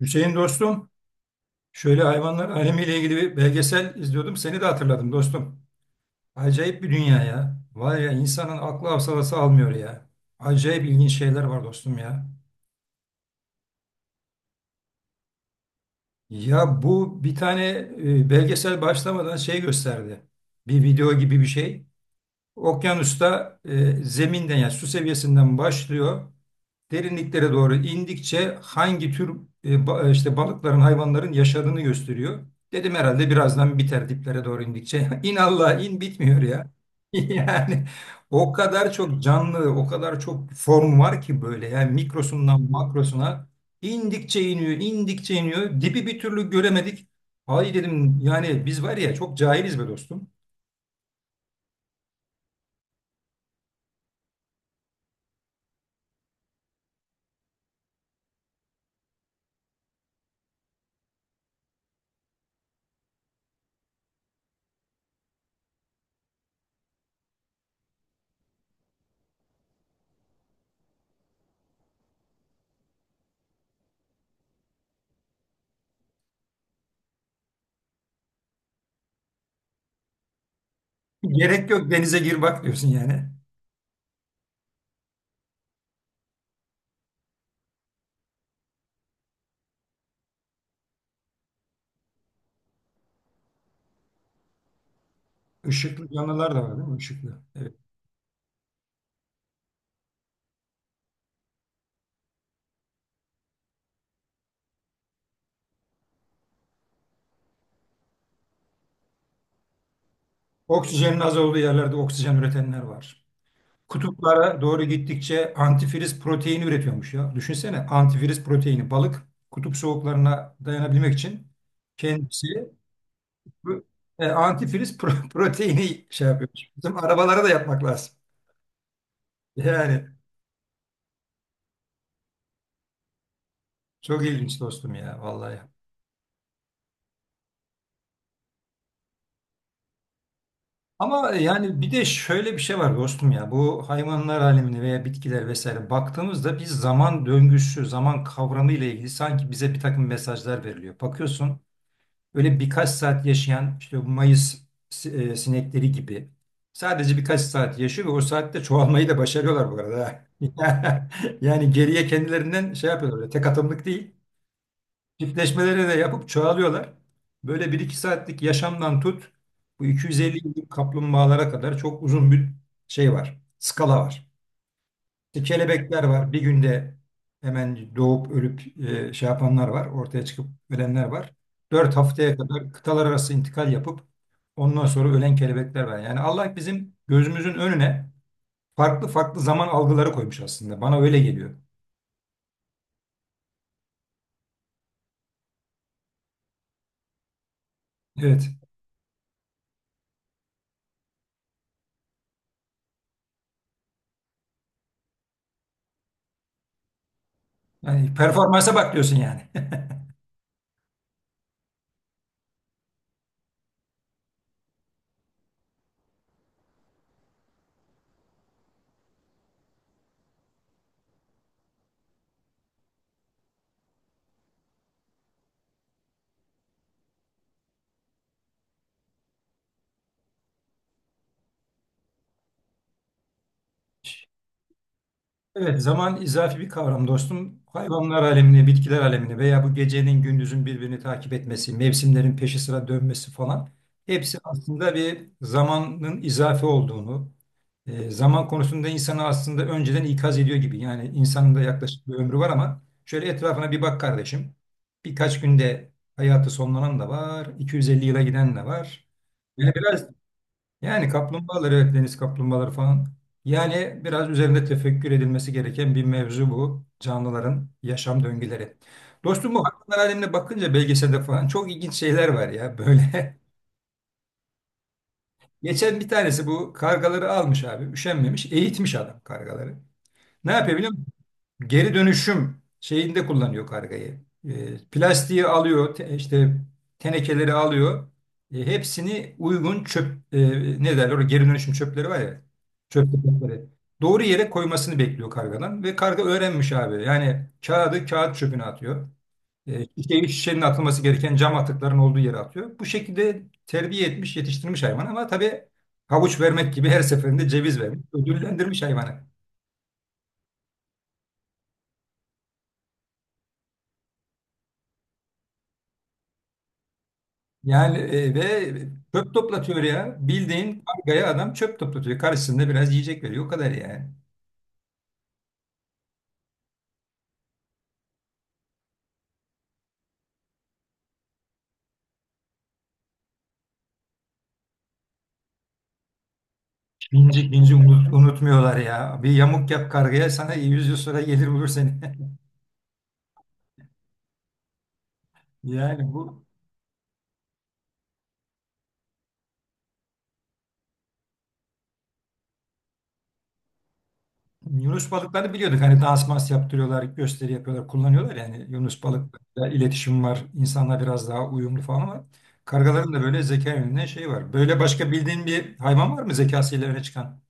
Hüseyin dostum, şöyle hayvanlar alemiyle ilgili bir belgesel izliyordum. Seni de hatırladım dostum. Acayip bir dünya ya. Var ya insanın aklı hafsalası almıyor ya. Acayip ilginç şeyler var dostum ya. Ya bu bir tane belgesel başlamadan şey gösterdi. Bir video gibi bir şey. Okyanusta zeminden yani su seviyesinden başlıyor. Derinliklere doğru indikçe hangi tür işte balıkların, hayvanların yaşadığını gösteriyor. Dedim herhalde birazdan biter diplere doğru indikçe. İn Allah in bitmiyor ya. Yani o kadar çok canlı, o kadar çok form var ki böyle yani mikrosundan makrosuna indikçe iniyor, indikçe iniyor. Dibi bir türlü göremedik. Ay dedim yani biz var ya çok cahiliz be dostum. Gerek yok denize gir bak diyorsun yani. Işıklı canlılar da var değil mi? Işıklı. Evet. Oksijenin az olduğu yerlerde oksijen üretenler var. Kutuplara doğru gittikçe antifriz proteini üretiyormuş ya. Düşünsene antifriz proteini balık kutup soğuklarına dayanabilmek için kendisi bu, antifriz proteini şey yapıyormuş. Bizim arabalara da yapmak lazım. Yani çok ilginç dostum ya vallahi. Ama yani bir de şöyle bir şey var dostum ya bu hayvanlar alemine veya bitkiler vesaire baktığımızda biz zaman döngüsü, zaman kavramı ile ilgili sanki bize bir takım mesajlar veriliyor. Bakıyorsun öyle birkaç saat yaşayan işte bu Mayıs sinekleri gibi sadece birkaç saat yaşıyor ve o saatte çoğalmayı da başarıyorlar bu arada. Ha. Yani geriye kendilerinden şey yapıyorlar öyle tek atımlık değil. Çiftleşmeleri de yapıp çoğalıyorlar. Böyle bir iki saatlik yaşamdan tut bu 250 yıllık kaplumbağalara kadar çok uzun bir şey var. Skala var. İşte kelebekler var. Bir günde hemen doğup ölüp şey yapanlar var. Ortaya çıkıp ölenler var. 4 haftaya kadar kıtalar arası intikal yapıp ondan sonra ölen kelebekler var. Yani Allah bizim gözümüzün önüne farklı farklı zaman algıları koymuş aslında. Bana öyle geliyor. Evet. Yani performansa bak diyorsun yani. Evet, zaman izafi bir kavram dostum. Hayvanlar alemine, bitkiler alemine veya bu gecenin gündüzün birbirini takip etmesi, mevsimlerin peşi sıra dönmesi falan hepsi aslında bir zamanın izafi olduğunu, zaman konusunda insanı aslında önceden ikaz ediyor gibi. Yani insanın da yaklaşık bir ömrü var ama şöyle etrafına bir bak kardeşim. Birkaç günde hayatı sonlanan da var, 250 yıla giden de var. Yani biraz yani kaplumbağalar evet deniz kaplumbağaları falan. Yani biraz üzerinde tefekkür edilmesi gereken bir mevzu bu. Canlıların yaşam döngüleri. Dostum bu hayvanlar alemine bakınca belgeselde falan çok ilginç şeyler var ya böyle. Geçen bir tanesi bu kargaları almış abi üşenmemiş eğitmiş adam kargaları. Ne yapıyor biliyor musun? Geri dönüşüm şeyinde kullanıyor kargayı. Plastiği alıyor, işte tenekeleri alıyor. Hepsini uygun çöp, ne derler o geri dönüşüm çöpleri var ya. Çöp kutuları. Doğru yere koymasını bekliyor kargadan ve karga öğrenmiş abi. Yani kağıdı kağıt çöpüne atıyor. Şişeyi şişenin atılması gereken cam atıkların olduğu yere atıyor. Bu şekilde terbiye etmiş, yetiştirmiş hayvan ama tabii havuç vermek gibi her seferinde ceviz vermiş, ödüllendirmiş hayvanı. Yani ve çöp toplatıyor ya. Bildiğin kargaya adam çöp toplatıyor. Karşısında biraz yiyecek veriyor. O kadar yani. Binci binci unutmuyorlar ya. Bir yamuk yap kargaya sana 100 yıl sonra gelir bulur seni. Yani bu Yunus balıklarını biliyorduk. Hani dans mans yaptırıyorlar, gösteri yapıyorlar, kullanıyorlar. Yani Yunus balıklarıyla iletişim var. İnsanla biraz daha uyumlu falan ama kargaların da böyle zeka yönünden şey var. Böyle başka bildiğin bir hayvan var mı zekasıyla öne çıkan?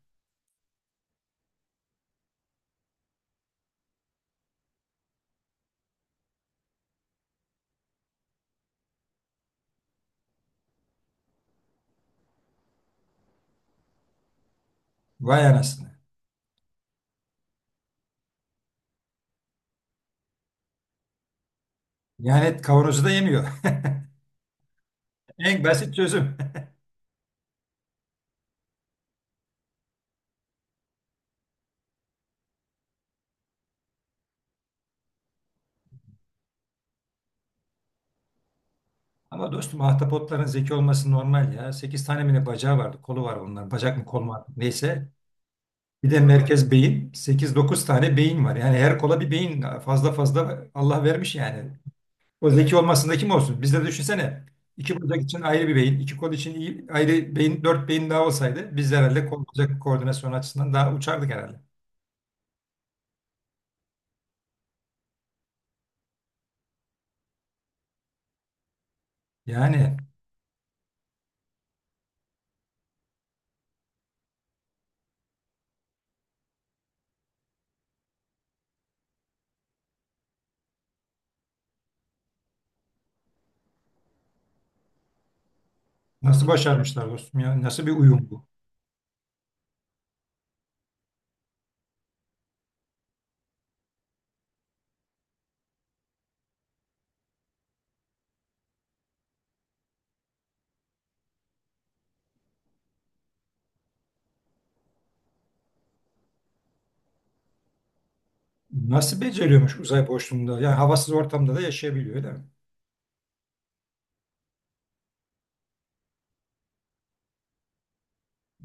Vay anasını. Yani kavanozu da yemiyor. En basit çözüm. Ama dostum ahtapotların zeki olması normal ya. 8 tane mi ne bacağı vardı? Kolu var bunların. Bacak mı kol mu artık neyse. Bir de merkez beyin. Sekiz dokuz tane beyin var. Yani her kola bir beyin fazla fazla Allah vermiş yani. O zeki olmasında kim olsun? Bizde de düşünsene. İki bacak için ayrı bir beyin, iki kol için ayrı beyin, dört beyin daha olsaydı biz de herhalde kol bacak koordinasyonu açısından daha uçardık herhalde. Yani nasıl başarmışlar dostum ya? Nasıl bir uyum bu? Nasıl beceriyormuş uzay boşluğunda? Yani havasız ortamda da yaşayabiliyor öyle mi?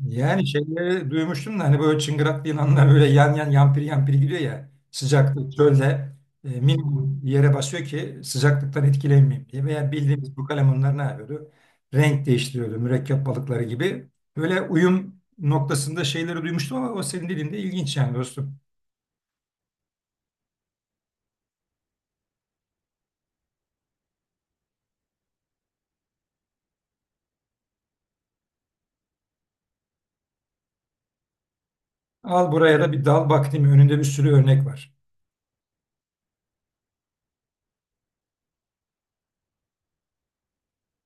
Yani şeyleri duymuştum da hani böyle çıngıraklı yılanlar böyle yan yan yampiri yampiri gidiyor ya sıcaklık çölde minimum bir yere basıyor ki sıcaklıktan etkilenmeyeyim diye veya bildiğimiz bu kalemunlar ne yapıyordu? Renk değiştiriyordu mürekkep balıkları gibi. Böyle uyum noktasında şeyleri duymuştum ama o senin dediğin de ilginç yani dostum. Al buraya da bir dal bak değil mi? Önünde bir sürü örnek var.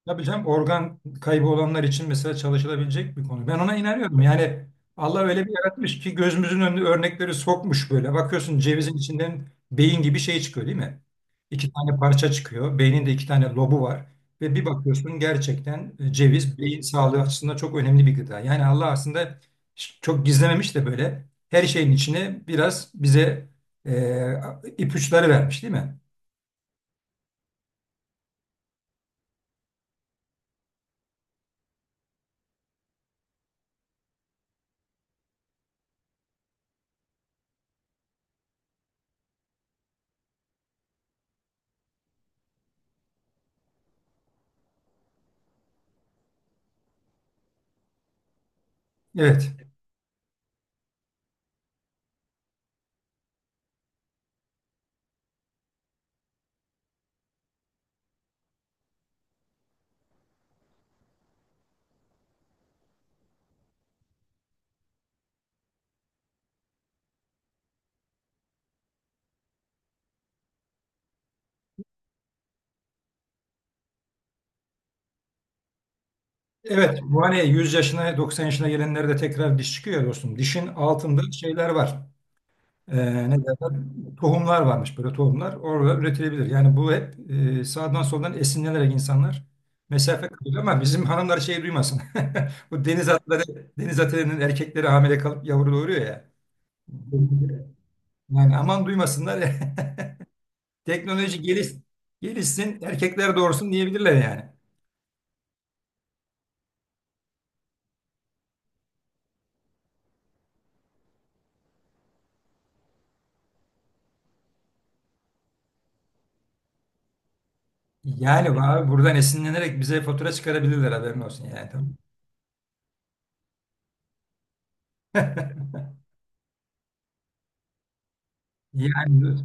Tabii canım organ kaybı olanlar için mesela çalışılabilecek bir konu. Ben ona inanıyorum. Yani Allah öyle bir yaratmış ki gözümüzün önüne örnekleri sokmuş böyle. Bakıyorsun cevizin içinden beyin gibi şey çıkıyor değil mi? İki tane parça çıkıyor. Beynin de iki tane lobu var. Ve bir bakıyorsun gerçekten ceviz beyin sağlığı açısından çok önemli bir gıda. Yani Allah aslında çok gizlememiş de böyle her şeyin içine biraz bize e, ipuçları vermiş değil mi? Evet. Evet, bu hani 100 yaşına 90 yaşına gelenlerde tekrar diş çıkıyor ya dostum. Dişin altında şeyler var. Ne derler? Tohumlar varmış böyle tohumlar. Orada üretilebilir. Yani bu hep sağdan soldan esinlenerek insanlar mesafe kalıyor ama bizim hanımlar şey duymasın. Bu deniz atları, deniz atlarının erkekleri hamile kalıp yavru doğuruyor ya. Yani aman duymasınlar. Teknoloji geliş, gelişsin, erkekler doğursun diyebilirler yani. Yani abi buradan esinlenerek bize fatura çıkarabilirler haberin olsun yani. Yani,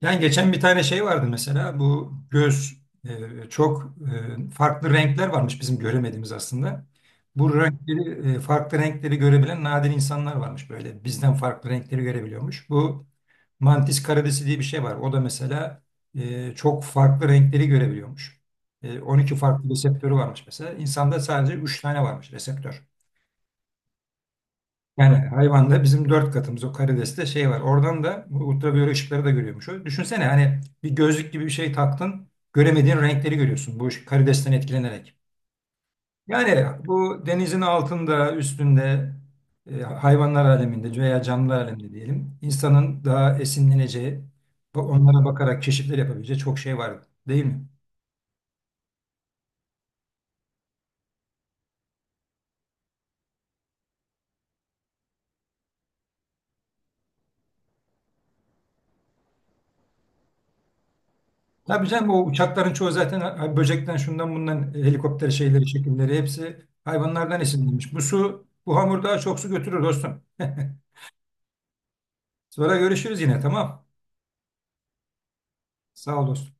yani geçen bir tane şey vardı mesela bu göz çok farklı renkler varmış bizim göremediğimiz aslında. Bu renkleri farklı renkleri görebilen nadir insanlar varmış böyle bizden farklı renkleri görebiliyormuş. Bu mantis karidesi diye bir şey var. O da mesela çok farklı renkleri görebiliyormuş. 12 farklı reseptörü varmış mesela. İnsanda sadece 3 tane varmış reseptör. Yani hayvanda bizim dört katımız o karideste şey var. Oradan da bu ultraviyole ışıkları da görüyormuş. O. Düşünsene hani bir gözlük gibi bir şey taktın. Göremediğin renkleri görüyorsun bu karidesten etkilenerek. Yani bu denizin altında, üstünde, hayvanlar aleminde veya canlılar aleminde diyelim. İnsanın daha esinleneceği, onlara bakarak keşifler yapabileceği çok şey var değil mi? Tabii canım o uçakların çoğu zaten böcekten şundan bundan helikopter şeyleri şekilleri hepsi hayvanlardan esinlenmiş. Bu su bu hamur daha çok su götürür dostum. Sonra görüşürüz yine tamam. Sağ ol dostum.